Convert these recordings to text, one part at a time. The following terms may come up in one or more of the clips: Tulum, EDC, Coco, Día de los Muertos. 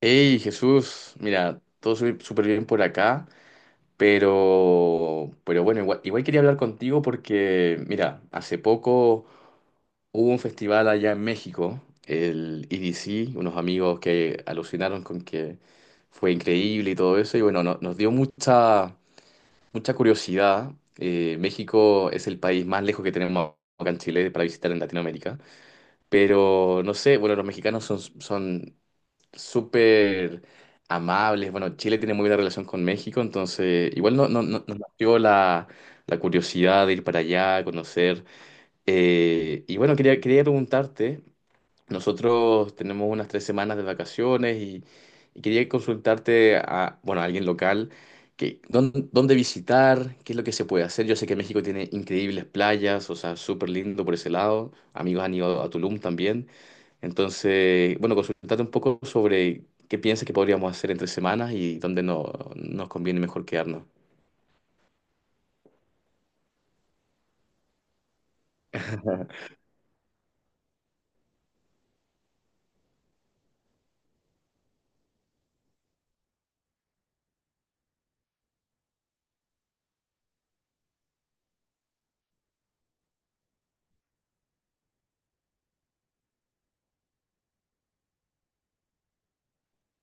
Hey Jesús, mira, todo súper bien por acá, pero bueno, igual quería hablar contigo porque, mira, hace poco hubo un festival allá en México, el EDC, unos amigos que alucinaron con que fue increíble y todo eso, y bueno, nos dio mucha curiosidad. México es el país más lejos que tenemos acá en Chile para visitar en Latinoamérica, pero no sé, bueno, los mexicanos son súper amables. Bueno, Chile tiene muy buena relación con México, entonces igual nos nació la curiosidad de ir para allá, conocer. Y bueno, quería preguntarte, nosotros tenemos unas tres semanas de vacaciones y quería consultarte a, bueno, a alguien local. Que, ¿dónde visitar? ¿Qué es lo que se puede hacer? Yo sé que México tiene increíbles playas, o sea, súper lindo por ese lado. Amigos han ido a Tulum también. Entonces, bueno, consultate un poco sobre qué piensas que podríamos hacer entre semanas y dónde no, nos conviene mejor quedarnos.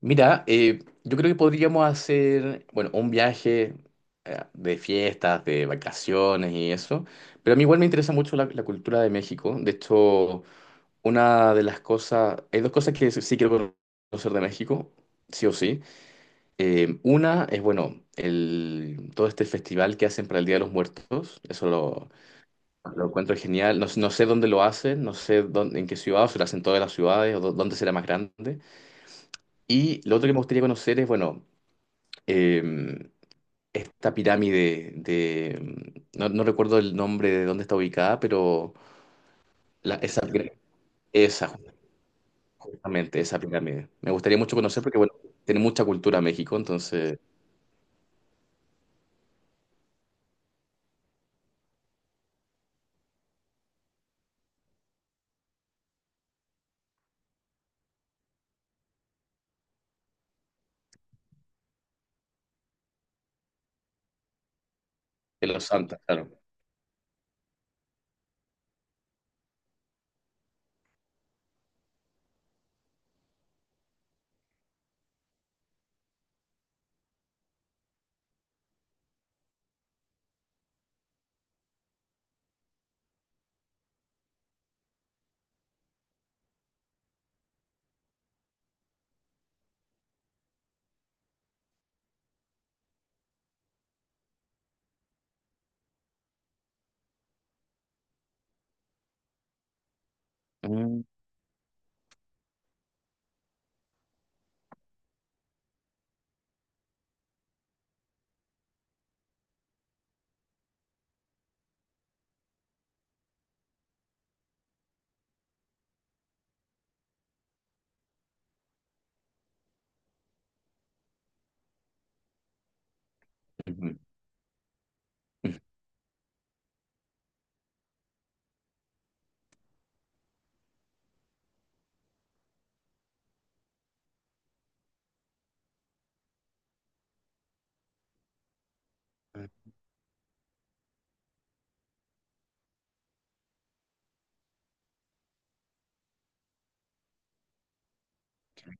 Mira, yo creo que podríamos hacer, bueno, un viaje de fiestas, de vacaciones y eso, pero a mí igual me interesa mucho la cultura de México. De hecho, una de las cosas, hay dos cosas que sí quiero conocer de México, sí o sí. Una es, bueno, el, todo este festival que hacen para el Día de los Muertos, eso lo encuentro genial. No, no sé dónde lo hacen, no sé dónde, en qué ciudad, o si lo hacen en todas las ciudades, o dónde será más grande. Y lo otro que me gustaría conocer es, bueno, eh, esta pirámide de... No, no recuerdo el nombre de dónde está ubicada, pero la- esa, pira- esa, justamente, esa pirámide. Me gustaría mucho conocer porque, bueno, tiene mucha cultura México, entonces, en los Santos, claro. Mm, ujú, ujú.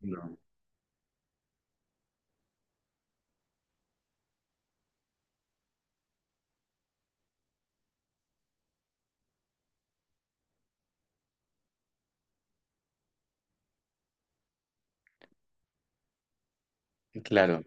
No, claro.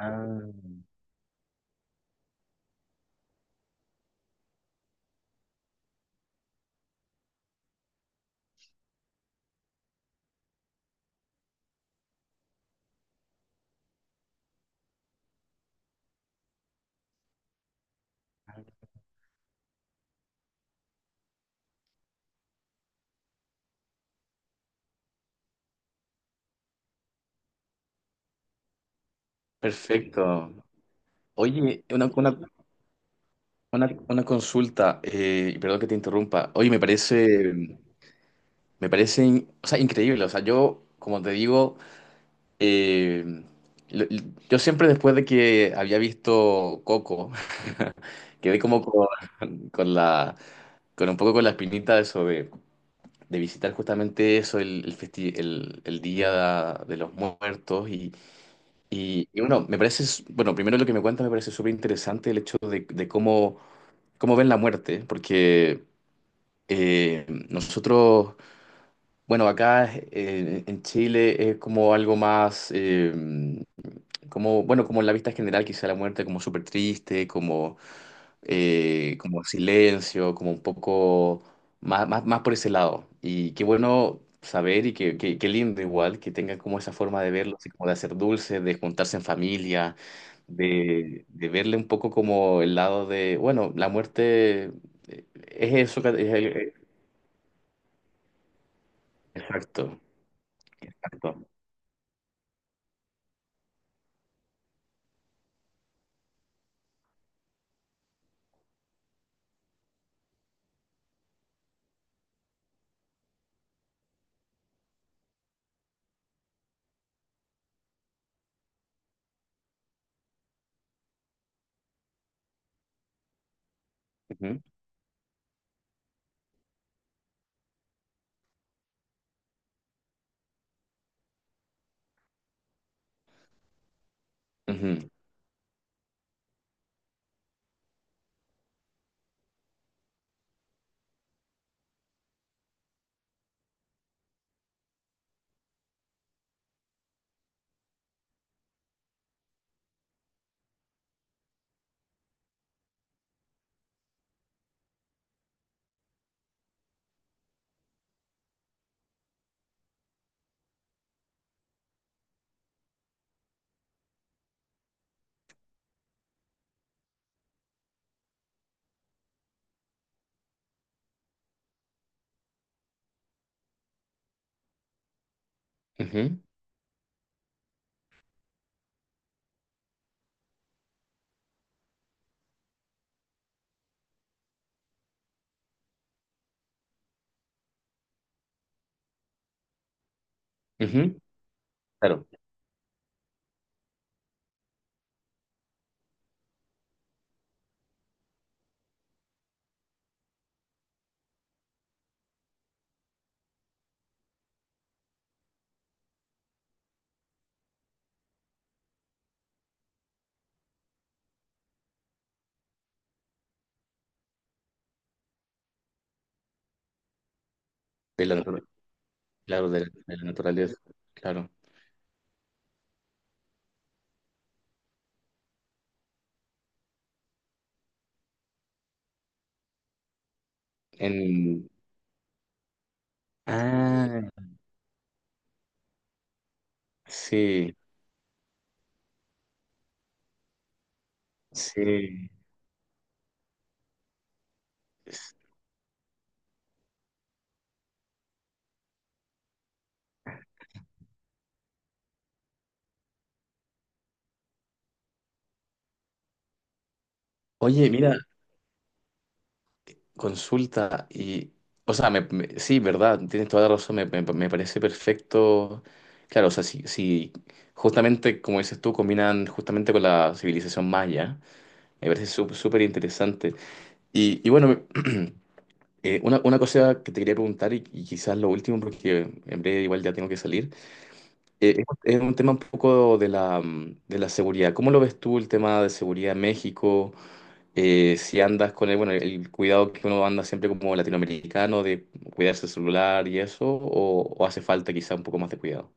Ah, perfecto. Oye, una consulta, y perdón que te interrumpa. Oye, me parece, o sea, increíble. O sea, yo, como te digo, eh, lo- lo- yo siempre después de que había visto Coco, quedé como con la, con un poco con la espinita de eso de visitar justamente eso, el Día de los Muertos. Y bueno, me parece, bueno, primero lo que me cuentas me parece súper interesante el hecho de cómo, cómo ven la muerte, porque Eh, nosotros, bueno, acá en Chile es como algo más, como, bueno, como en la vista general, quizá la muerte como súper triste, como, como silencio, como un poco más por ese lado. Y qué bueno saber y qué, qué, qué lindo igual que tengan como esa forma de verlo, así como de hacer dulce, de juntarse en familia, de verle un poco como el lado de, bueno, la muerte es eso, exacto. Exacto. Ujú, ujú, ujú, ujú. Claro, de la, natura- claro, la de la naturaleza, claro. En, ah, sí, sí. S- Oye, mira, consulta y, o sea, sí, verdad, tienes toda la razón, me parece perfecto. Claro, o sea, si justamente, como dices tú, combinan justamente con la civilización maya, me parece súper interesante. Y bueno, una cosa que te quería preguntar y quizás lo último, porque en breve igual ya tengo que salir, es un tema un poco de la, de la seguridad. ¿Cómo lo ves tú el tema de seguridad en México? Si andas con el, bueno, el cuidado que uno anda siempre como latinoamericano de cuidarse el celular y eso, o, ¿o hace falta quizá un poco más de cuidado?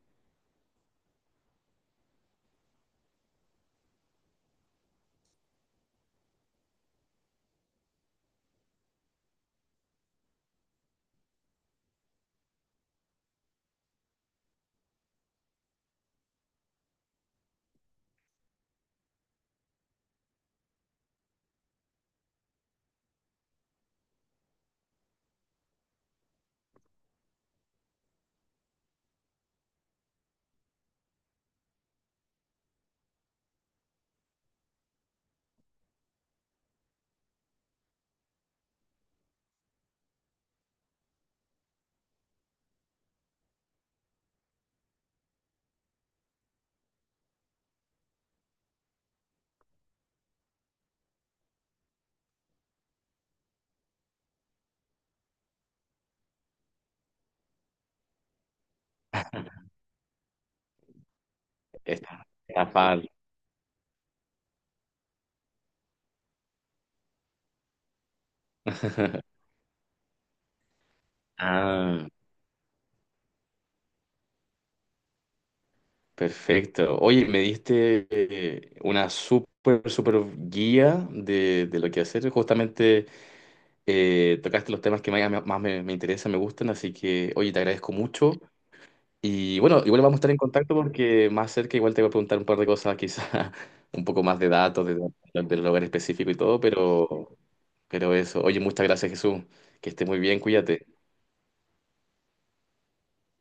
Está esta parte. Ah, perfecto. Oye, me diste una súper guía de lo que hacer. Justamente tocaste los temas que más me, me interesan, me gustan, así que, oye, te agradezco mucho. Y bueno, igual vamos a estar en contacto porque más cerca igual te voy a preguntar un par de cosas, quizá un poco más de datos, de, del lugar específico y todo, pero eso. Oye, muchas gracias, Jesús. Que estés muy bien, cuídate.